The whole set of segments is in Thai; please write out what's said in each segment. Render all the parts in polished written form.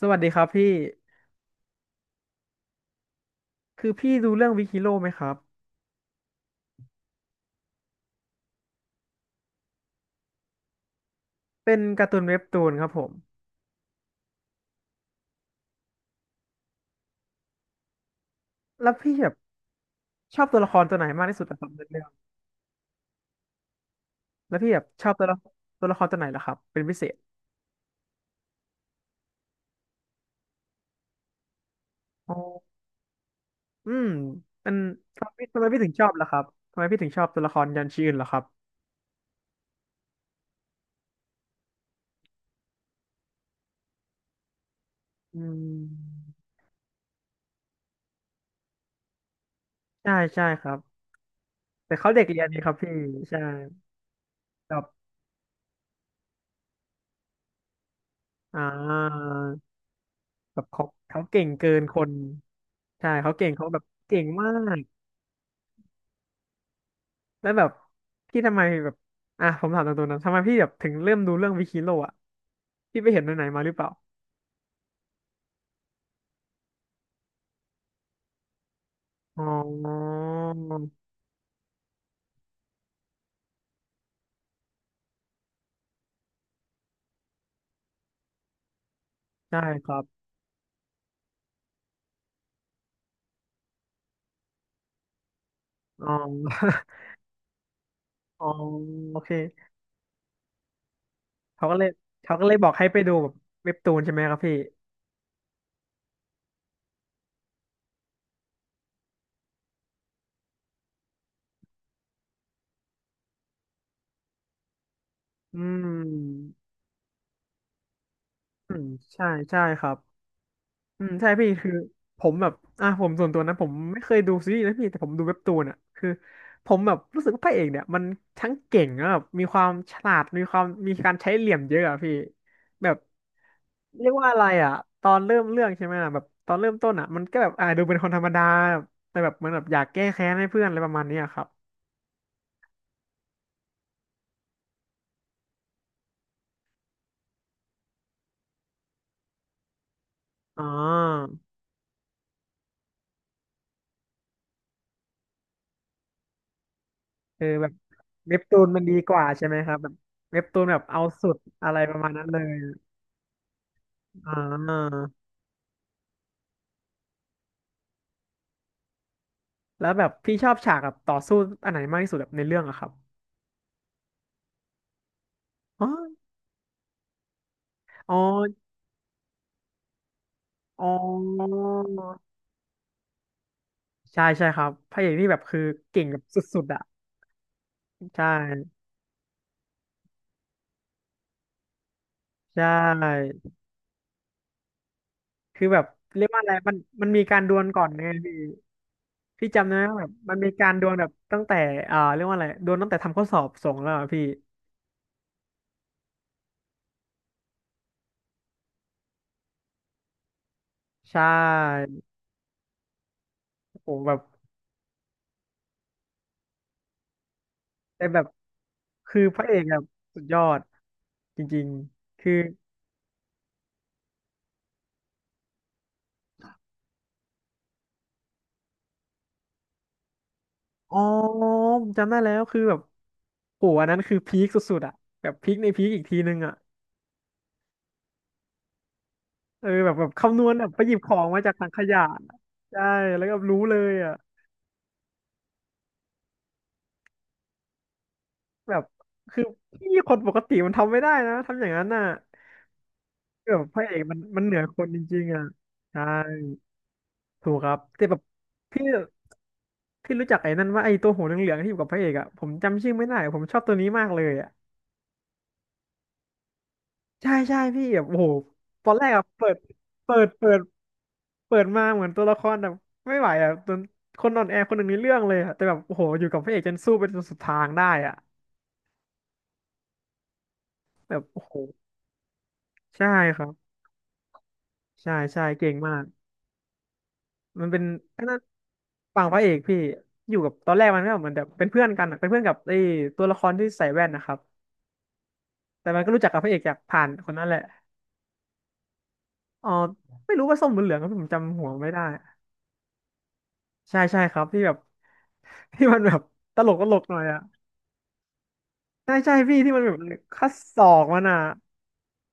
สวัสดีครับพี่ คือพี่ดูเรื่องวิคิโลไหมครับเป็นการ์ตูนเว็บตูนครับผมแล้วพี่แบบชอบตัวละครตัวไหนมากที่สุดอะครับในเรื่องแล้วพี่แบบชอบตัวละครตัวไหนล่ะครับเป็นพิเศษอ๋ออืมเป็นทำไมพี่ถึงชอบล่ะครับ ทำไมพี่ถึงชอบตัวละครยันชื่ออื่นล่ะครับอืมใช่ครับ แต่เขาเด็กเรียนนี่ครับพี่ใช่แบบอ่าแบบเขาเก่งเกินคนใช่เขาเก่งเขาแบบเก่งมาก แล้วแบบพี่ทำไมแบบอ่ะผมถามตรงๆนะทำไมพี่แบบถึงเริ่มดูเรื่องวิคิโลอ่ะพี่ไปเห็นไหนๆมาหรือเปล่าอ๋อใช่ครับอ๋อ อ๋อโอเคเขาก็เลยเขาก็เลยบอกให้ไปดูแบบเว็บตูนใช่ไหมครับพี่อืมอืมใช่ครับ อืมใช่พี่คือผมแบบอ่ะผมส่วนตัวนะผมไม่เคยดูซีรีส์นะพี่แต่ผมดูเว็บตูนอ่ะคือผมแบบรู้สึกว่าพระเอกเนี่ยมันทั้งเก่งแล้วแบบมีความฉลาดมีความมีการใช้เหลี่ยมเยอะอ่ะพี่แบบเรียกว่าอะไรอ่ะตอนเริ่มเรื่องใช่ไหมอ่ะแบบตอนเริ่มต้นอ่ะมันก็แบบดูเป็นคนธรรมดาแบบแต่แบบเหมันแบบอยากแก้แค้นให้เพื่อนอะไรประมาณเนี้ยครับอ๋อเออแบบเว็บตูนมันดีกว่าใช่ไหมครับแบบเว็บตูนแบบเอาสุดอะไรประมาณนั้นเลยอ่า แล้วแบบพี่ชอบฉากแบบต่อสู้อันไหนมากที่สุดแบบในเรื่องอะครับอ๋ออ๋ออ๋อใช่ครับพระเอกนี่แบบคือเก่งแบบสุดๆอะ ใช่ใช่คือแบบเรียกว่าอะไร มันมีการดวลก่อนไงพี่ พี่จำได้ว่าแบบมันมีการดวลแบบตั้งแต่อ่าเรียกว่าอะไรดวลตั้งแต่ทำข้อสอบส่งแล้วอะพี่ใช่โอ้แบบแต่แบบคือพระเอกแบบสุดยอดจริงๆคือ อ๋อผมจำได้แล้วคือแบบโหอันนั้นคือพีคสุดๆอ่ะแบบพีคในพีคอีกทีนึงอ่ะเออแบบแบบคำนวณแบบไปหยิบของมาจากถังขยะใช่แล้วก็รู้เลยอ่ะแบบคือพี่คนปกติมันทำไม่ได้นะทำอย่างนั้นน่ะแบบพระเอกมันเหนือคนจริงๆอ่ะใช่ถูกครับแต่แบบพี่พี่รู้จักไอ้นั่นว่าไอ้ตัวหัวเหลืองๆที่อยู่กับพระเอกอ่ะผมจำชื่อไม่ได้ผมชอบตัวนี้มากเลยอ่ะใช่พี่แบบโอ้โหตอนแรกอ่ะเปิดเปิด เปิดมาเหมือนตัวละครแบบไม่ไหวอ่ะจนคนน่อนแอร์คนหนึ่งในเรื่องเลยอะแต่แบบโอ้โหอยู่กับพระเอกจนสู้ไปจนสุดทางได้อ่ะแบบโอ้โหใช่ครับใช่เก่งมากมันเป็นอันนั้นฝั่งพระเอกพี่อยู่กับตอนแรกมันก็เหมือนแบบเป็นเพื่อนกันอะเป็นเพื่อนกับไอ้ตัวละครที่ใส่แว่นนะครับแต่มันก็รู้จักกับพระเอกจากผ่านคนนั้นแหละอ๋อไม่รู้ว่าส้มหรือเหลืองก็ผมจำหัวไม่ได้ใช่ครับที่แบบ ที่มันแบบตลกหน่อยอ่ะใช่พี่ที่มันแบบคัดศอกมันอ่ะ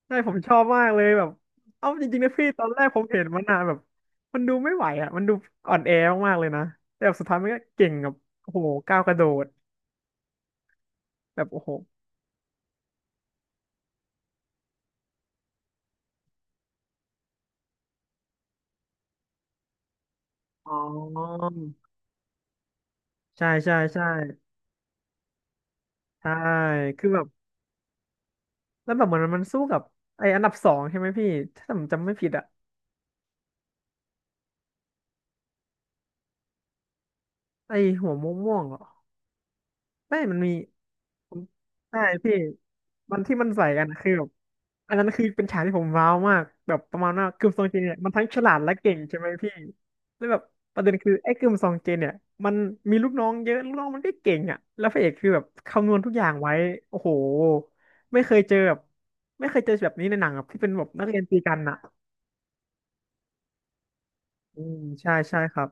ใช่ผมชอบมากเลยแบบ เอาจริงๆนะพี่ตอนแรกผมเห็นมันอะแบบมันดูไม่ไหวอ่ะมันดูอ่อนแอมากๆเลยนะแต่แบบสุดท้ายมันก็เก่งกับโอ้โหก้าวกระโดดแบบโอ้โหอ๋อใช่ใช่ใช่ใช่คือแบบแล้วแบบเหมือนมันสู้กับไออันดับสองใช่ไหมพี่ถ้าผมจำไม่ผิดอ่ะไอหัวม่วงๆเหรอไม่มันมี ผมใช่พี่มันที่มันใส่กันอะคือแบบอันนั้นคือเป็นฉากที่ผมว้าวมากแบบประมาณว่ากิมซองเจนเนี่ยมันทั้งฉลาดและเก่งใช่ไหมพี่แล้วแบบประเด็นคือไอ้กิมซองเจนเนี่ยมันมีลูกน้องเยอะลูกน้องมันก็เก่งอ่ะแล้วพระเอกคือแบบคำนวณทุกอย่างไว้โอ้โหไม่เคยเจอแบบไม่เคยเจอแบบนี้ในหนังแบบที่เป็นแบบนักเรียนตีกันอ่ะอืมใช่ครับ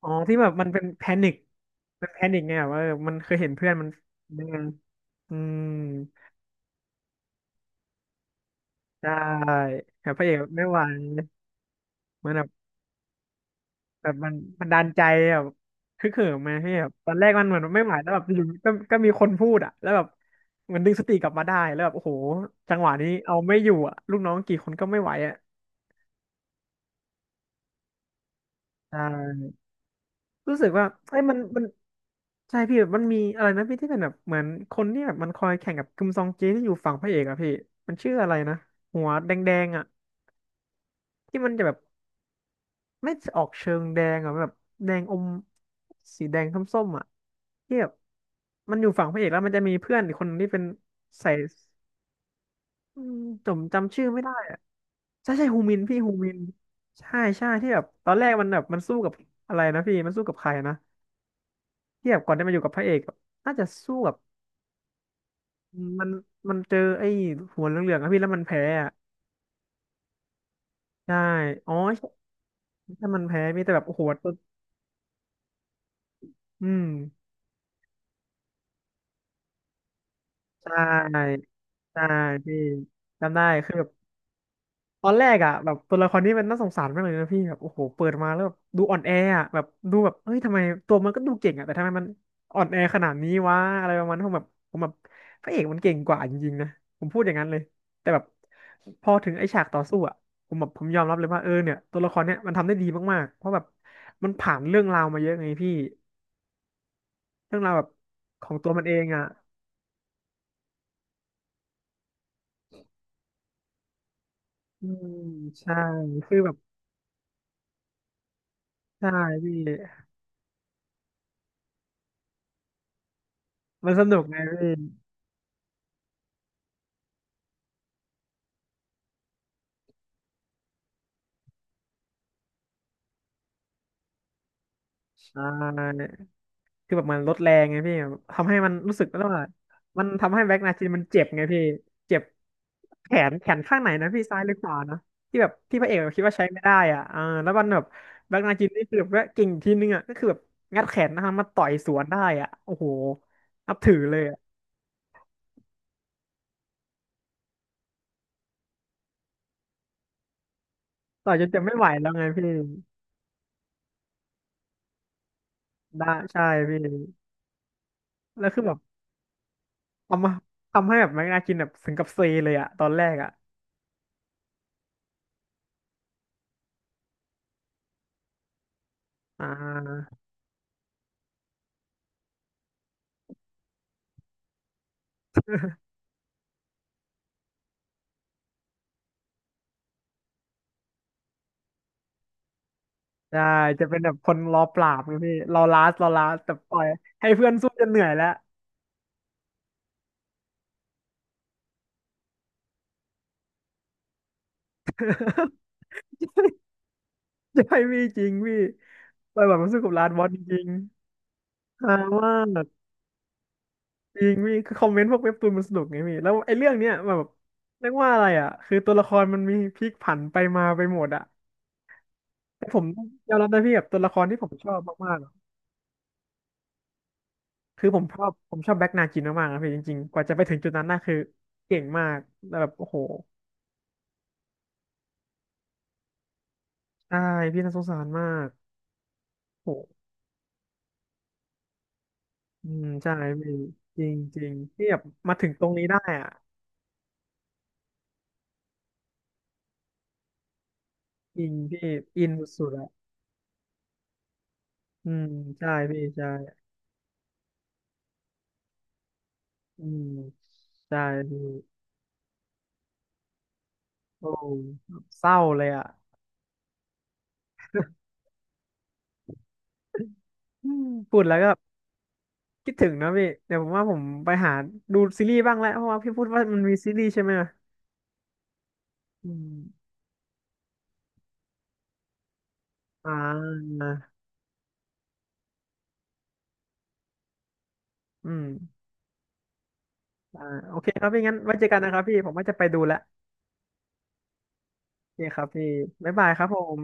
อ๋อที่แบบมันเป็นแพนิคเป็นแพนิคไงแบบว่าเออมันเคยเห็นเพื่อนมันอืมอืม ใช่แบบพระเอกไม่ไหวเหมันแบบแบบมันดันใจแบบฮึกเหิมมาให้แบบตอนแรกมันเหมือนไม่ไหวแล้วแบบอยู่ก็มีคนพูดอ่ะแล้วแบบเหมันดึงสติกลับมาได้แล้วแบบโอ้โหจังหวะนี้เอาไม่อยู่อ่ะลูกน้องกี่คนก็ไม่ไหวอ่ะใช่รู้สึกว่าเอ้ยมันใช่พี่แบบมันมีอะไรนะพี่ที่เป็นแบบเหมือนคนที่แบบมันคอยแข่งกับคิมซองเจที่อยู่ฝั่งพระเอกอ่ะพี่มันชื่ออะไรนะ หัวแดงๆอ่ะที่มันจะแบบ ไม่ออกเชิงแดงอ่ะแบบแดงอมสีแดงส้มๆอ่ะที่แบบมันอยู่ฝั่งพระเอกแล้วมันจะมีเพื่อนอีกคนนึงที่เป็นใส่อืมผมจำชื่อไม่ได้อ่ะใช่ใช่ฮูมินพี่ฮูมินใช่ใช่ที่แบบตอนแรกมันแบบมันสู้กับอะไรนะพี่มันสู้กับใครนะที่แบบก่อนจะมาอยู่กับพระเอกอะน่าจะสู้กับมันมันเจอไอ้หัวเหลืองๆอะพี่แล้วมันแพ้อะใช่อ๋อใช่ถ้ามันแพ้พี่แต่แบบโอ้โหตัวอืมใช่ใช่พี่จำได้คือแบบ ตอนแรกอ่ะแบบตัวละครนี้มันน่าสงสารมากเลยนะพี่แบบโอ้โหเปิดมาแล้วแบบดูอ่อนแออ่ะแบบดูแบบเฮ้ยทำไมตัวมันก็ดูเก่งอ่ะแต่ทำไมมันอ่อนแอขนาดนี้วะอะไรประมาณนั้นผมแบบพระเอกมันเก่งกว่าจริงๆนะผมพูดอย่างนั้นเลยแต่แบบพอถึงไอ้ฉากต่อสู้อ่ะผมยอมรับเลยว่าเออเนี่ยตัวละครเนี้ยมันทำได้ดีมากๆเพราะแบบมันผ่านเรื่องราวมาเยอะไงพี่เรื่องราวแบบของตัวมันเองอ่ะอืมใช่คือแบบใช่พี่มันสนุกไงพี่ใช่ คือแบบมันลดแรงไงพี่แบบทำให้มันรู้สึกแล้วว่ามันทำให้แบ็กนาจินมันเจ็บไงพี่เจ็บแขนข้างไหนนะพี่ซ้ายหรือขวานะที่แบบที่พระเอกคิดว่าใช้ไม่ได้อ่ะอ่าแล้วมันแบบแบ็กนาจินนี่คือแบบว่าเก่งทีนึงอ่ะก็คือแบบงัดแขนนะครับมาต่อยสวนได้อ่ะโอ้โหนับถือเลยอะต่อยจนจะไม่ไหวแล้วไงพี่ได้ใช่พี่แล้วคือแบบทำมาทำให้แบบแบ็กนาจินแบบถึงกับเซเลยอ่ะตอนแรกอ่ะอ่า ใช่จะเป็นแบบคนรอปราบไงพี่รอลาสรอลาสแต่ปล่อยให้เพื่อนสู้จนเหนื่อยแล้ว ใช่พี่จริงพี่ปล่อยแบบมันสู้กับลาสบอสจริงๆฮามากจริงพี่คือคอมเมนต์พวกเว็บตูนมันสนุกไงพี่แล้วไอ้เรื่องเนี้ยแบบเรียกว่าอะไรอ่ะคือตัวละครมันมีพลิกผันไปมาไปหมดอ่ะแต่ผมยอมรับนะพี่แบบตัวละครที่ผมชอบมากๆอะคือผมชอบแบ็กนาจินมากๆนะพี่จริงๆกว่าจะไปถึงจุดนั้นน่ะคือเก่งมากแล้วแบบโอ้โหใช่พี่น่าสงสารมากโห อืมใช่พี่จริงจริงพี่แบบมาถึงตรงนี้ได้อ่ะอินพี่อินสุดๆอ่ะอืมใช่พี่ใช่อืมใช่พี่โอ้เศร้าเลยอ่ะอืมพูดแล้วก็คิดถึงนะพี่เดี๋ยวผมว่าผมไปหาดูซีรีส์บ้างแล้วเพราะว่าพี่พูดว่ามันมีซีรีส์ใช่ไหมอืมอ่าอืมอ่าโอเคครับพี่งั้นไว้เจอกันนะครับพี่ผมว่าจะไปดูแล้วโอเคครับพี่บ๊ายบายครับผม